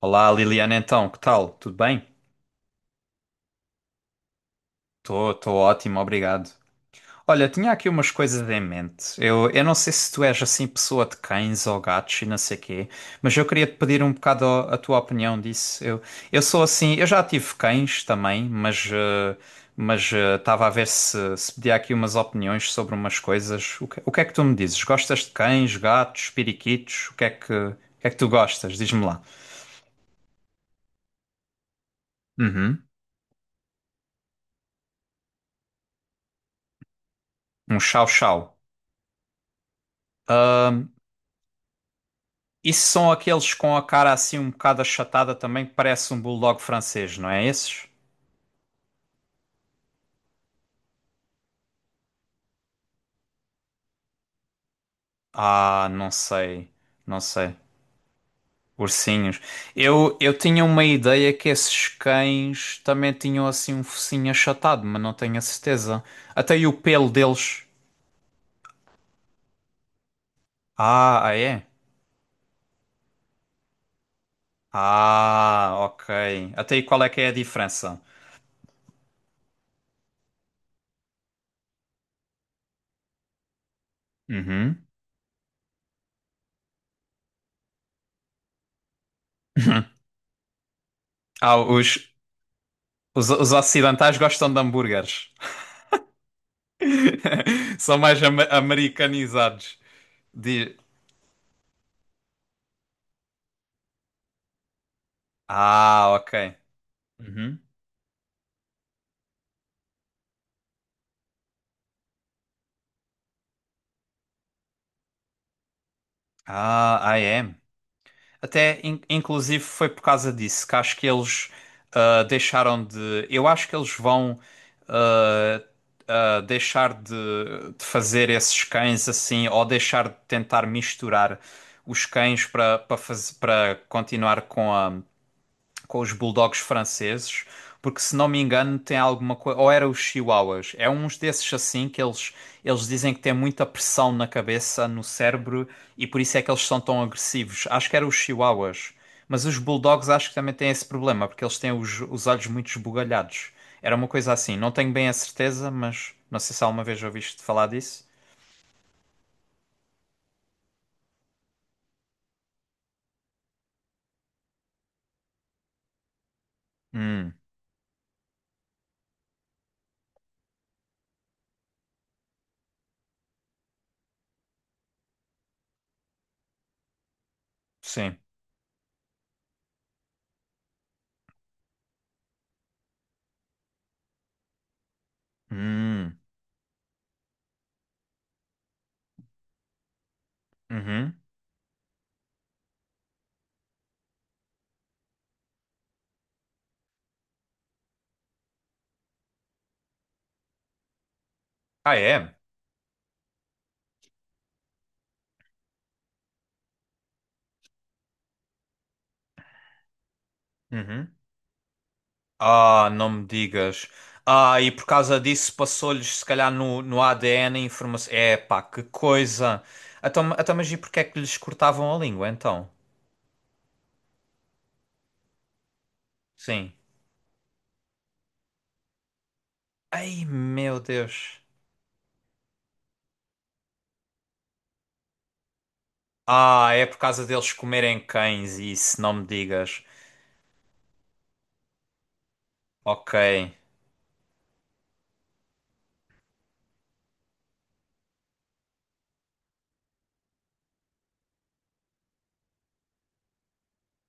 Olá, Liliana, então, que tal? Tudo bem? Estou ótimo, obrigado. Olha, tinha aqui umas coisas em mente. Eu não sei se tu és assim pessoa de cães ou gatos e não sei quê, mas eu queria te pedir um bocado a tua opinião disso. Eu sou assim, eu já tive cães também, mas estava a ver se pedia aqui umas opiniões sobre umas coisas. O que é que tu me dizes? Gostas de cães, gatos, periquitos? O que é que tu gostas? Diz-me lá. Uhum. Um chau-chau. Isso são aqueles com a cara assim um bocado achatada também, que parece um bulldog francês, não é esses? Ah, não sei, não sei. Ursinhos. Eu tinha uma ideia que esses cães também tinham assim um focinho achatado, mas não tenho a certeza. Até aí o pelo deles. Ah, ah, é? Ah, ok. Até aí qual é que é a diferença? Uhum. Ah, os, os ocidentais gostam de hambúrgueres. São mais ama- americanizados. De... Ah, ok. Uhum. Ah, I am. Até, in- inclusive, foi por causa disso que acho que eles deixaram de. Eu acho que eles vão ah, deixar de fazer esses cães assim, ou deixar de tentar misturar os cães para para continuar com a. Com os bulldogs franceses, porque se não me engano tem alguma coisa, ou era os chihuahuas, é uns desses assim que eles dizem que tem muita pressão na cabeça, no cérebro e por isso é que eles são tão agressivos. Acho que eram os chihuahuas, mas os bulldogs acho que também têm esse problema, porque eles têm os olhos muito esbugalhados. Era uma coisa assim, não tenho bem a certeza, mas não sei se alguma vez ouviste falar disso. Hum, sim. Hum, uhum. Ah, é? Uhum. Ah, não me digas. Ah, e por causa disso passou-lhes, se calhar, no ADN a informação. É, pá, que coisa. Então, então, mas e porque é que lhes cortavam a língua, então? Sim. Ai, meu Deus. Ah, é por causa deles comerem cães, isso, não me digas. Ok.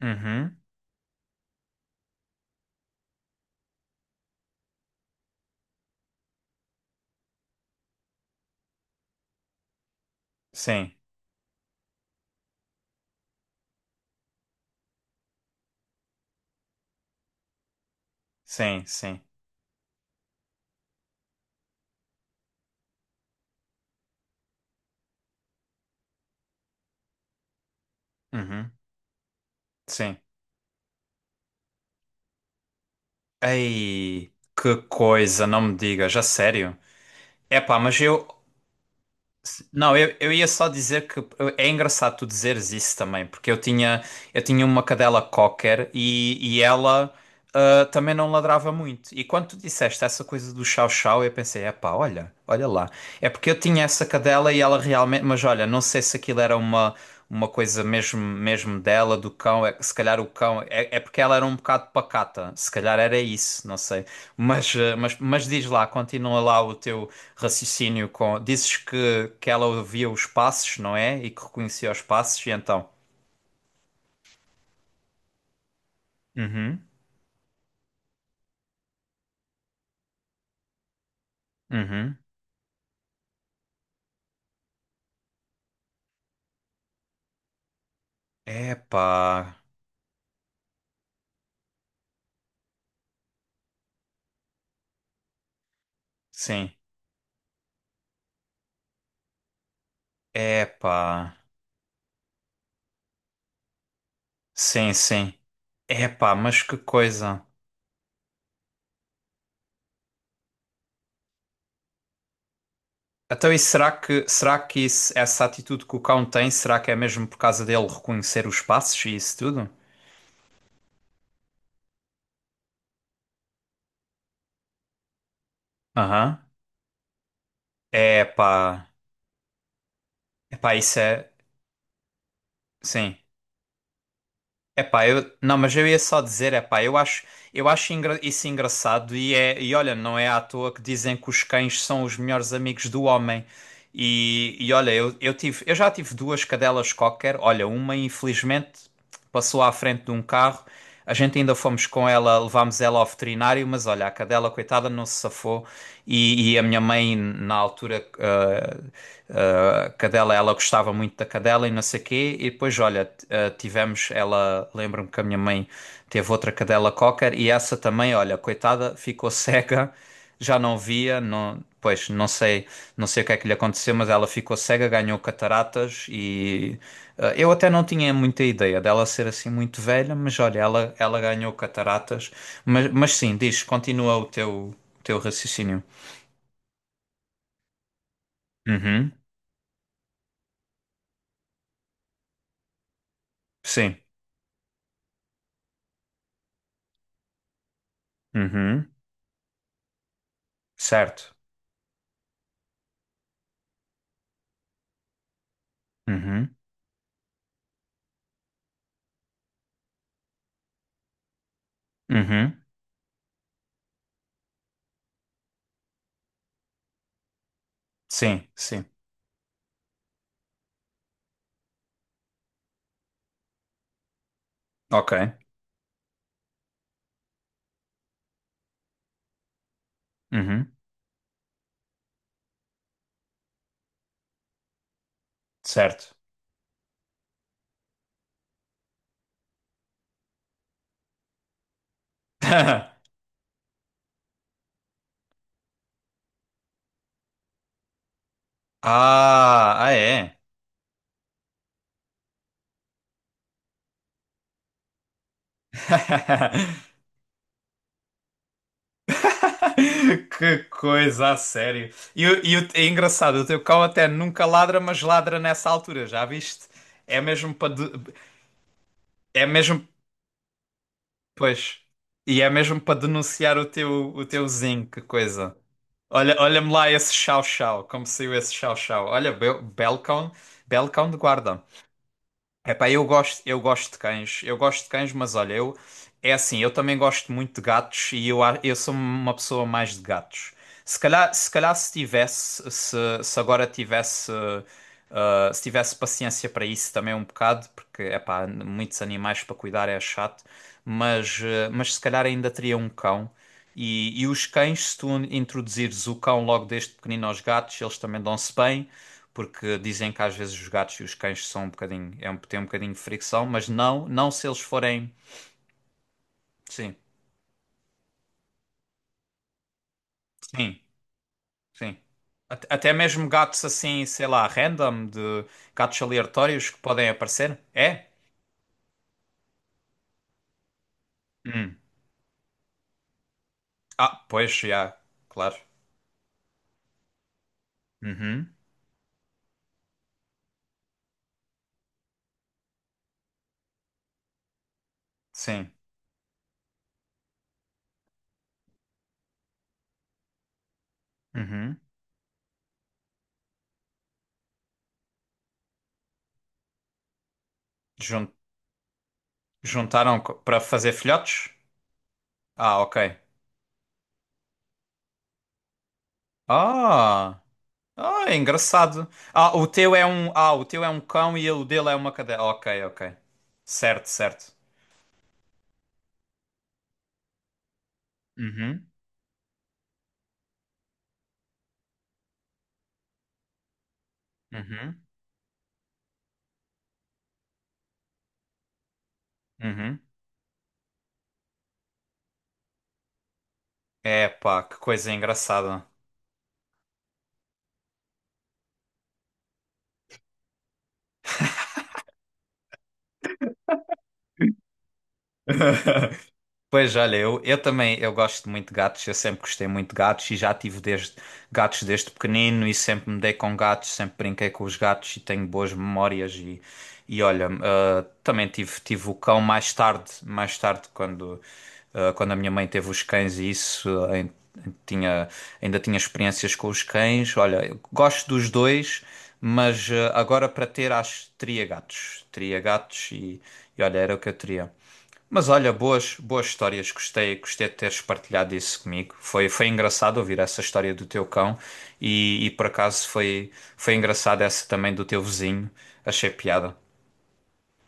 Uhum. Sim, sim, sim. Uhum. Sim. Ai, que coisa, não me digas, a sério. É pá, mas eu. Não, eu ia só dizer que é engraçado tu dizeres isso também, porque eu tinha uma cadela cocker e ela também não ladrava muito. E quando tu disseste essa coisa do chau-chau, eu pensei, epá, olha, olha lá. É porque eu tinha essa cadela e ela realmente, mas olha, não sei se aquilo era uma coisa mesmo, mesmo dela, do cão, é, se calhar o cão, é, é porque ela era um bocado pacata, se calhar era isso, não sei. Mas, ah, mas diz lá, continua lá o teu raciocínio com. Dizes que ela ouvia os passos, não é? E que reconhecia os passos, e então. Uhum, uhum. Epá, sim. Epá, sim, sim. Epá, mas que coisa. Então, e será que essa atitude que o cão tem, será que é mesmo por causa dele reconhecer os passos e isso tudo? Aham. Epá, epá, isso é. Sim. Epá, eu, não, mas eu ia só dizer, epá, eu acho isso engraçado e olha, não é à toa que dizem que os cães são os melhores amigos do homem. E olha, eu tive, eu já tive duas cadelas cocker, olha, uma infelizmente passou à frente de um carro, a gente ainda fomos com ela, levámos ela ao veterinário, mas olha, a cadela, coitada, não se safou. E a minha mãe, na altura, a cadela, ela gostava muito da cadela e não sei quê. E depois, olha, tivemos, ela, lembro-me que a minha mãe teve outra cadela cocker e essa também, olha, coitada, ficou cega, já não via, não, pois não sei, não sei o que é que lhe aconteceu, mas ela ficou cega, ganhou cataratas e eu até não tinha muita ideia dela ser assim muito velha, mas olha, ela ganhou cataratas, mas sim, diz, continua o teu raciocínio. Uhum, sim, uhum, certo, uhum, uhum, sim, sim, ok, uhum, certo. Ah, ah é. Que coisa, a sério. É engraçado, o teu cão até nunca ladra, mas ladra nessa altura, já viste? É mesmo para, é mesmo, pois. E é mesmo para denunciar o teu zinho, que coisa. Olha, olha-me lá esse chau-chau, como saiu esse chau-chau. Olha, be belo cão de guarda. Epá, eu gosto de cães, eu gosto de cães, mas olha, eu é assim, eu também gosto muito de gatos e eu sou uma pessoa mais de gatos. Se calhar, se calhar se tivesse, se agora tivesse, se tivesse paciência para isso também um bocado, porque epá, muitos animais para cuidar é chato, mas se calhar ainda teria um cão. E os cães, se tu introduzires o cão logo desde pequenino aos gatos, eles também dão-se bem porque dizem que às vezes os gatos e os cães são um bocadinho, é um, têm um bocadinho de fricção, mas não, não se eles forem. Sim, sim, sim. Até mesmo gatos assim, sei lá, random, de gatos aleatórios que podem aparecer. É? Hum. Ah, pois, já, claro. Uhum. Sim. Uhum. Jun- Juntaram para fazer filhotes? Ah, ok. Ah, ah, é engraçado. O teu é um cão e o dele é uma cadela. Ok, ok. Certo, certo. Uhum, uhum, uhum. É, pá, que coisa engraçada. Pois olha, eu também eu gosto muito de gatos, eu sempre gostei muito de gatos e já tive gatos desde pequenino e sempre me dei com gatos, sempre brinquei com os gatos e tenho boas memórias e olha, ah, também tive, tive o cão mais tarde quando quando a minha mãe teve os cães e isso, tinha, ainda tinha experiências com os cães. Olha, eu gosto dos dois, mas agora para ter, acho, teria gatos. Teria gatos e olha, era o que eu teria. Mas olha, boas, boas histórias. Gostei, gostei de teres partilhado isso comigo. Foi, foi engraçado ouvir essa história do teu cão por acaso foi, foi engraçado essa também do teu vizinho. Achei piada.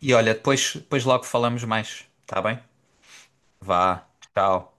E olha, depois, depois logo falamos mais, tá bem? Vá, tchau.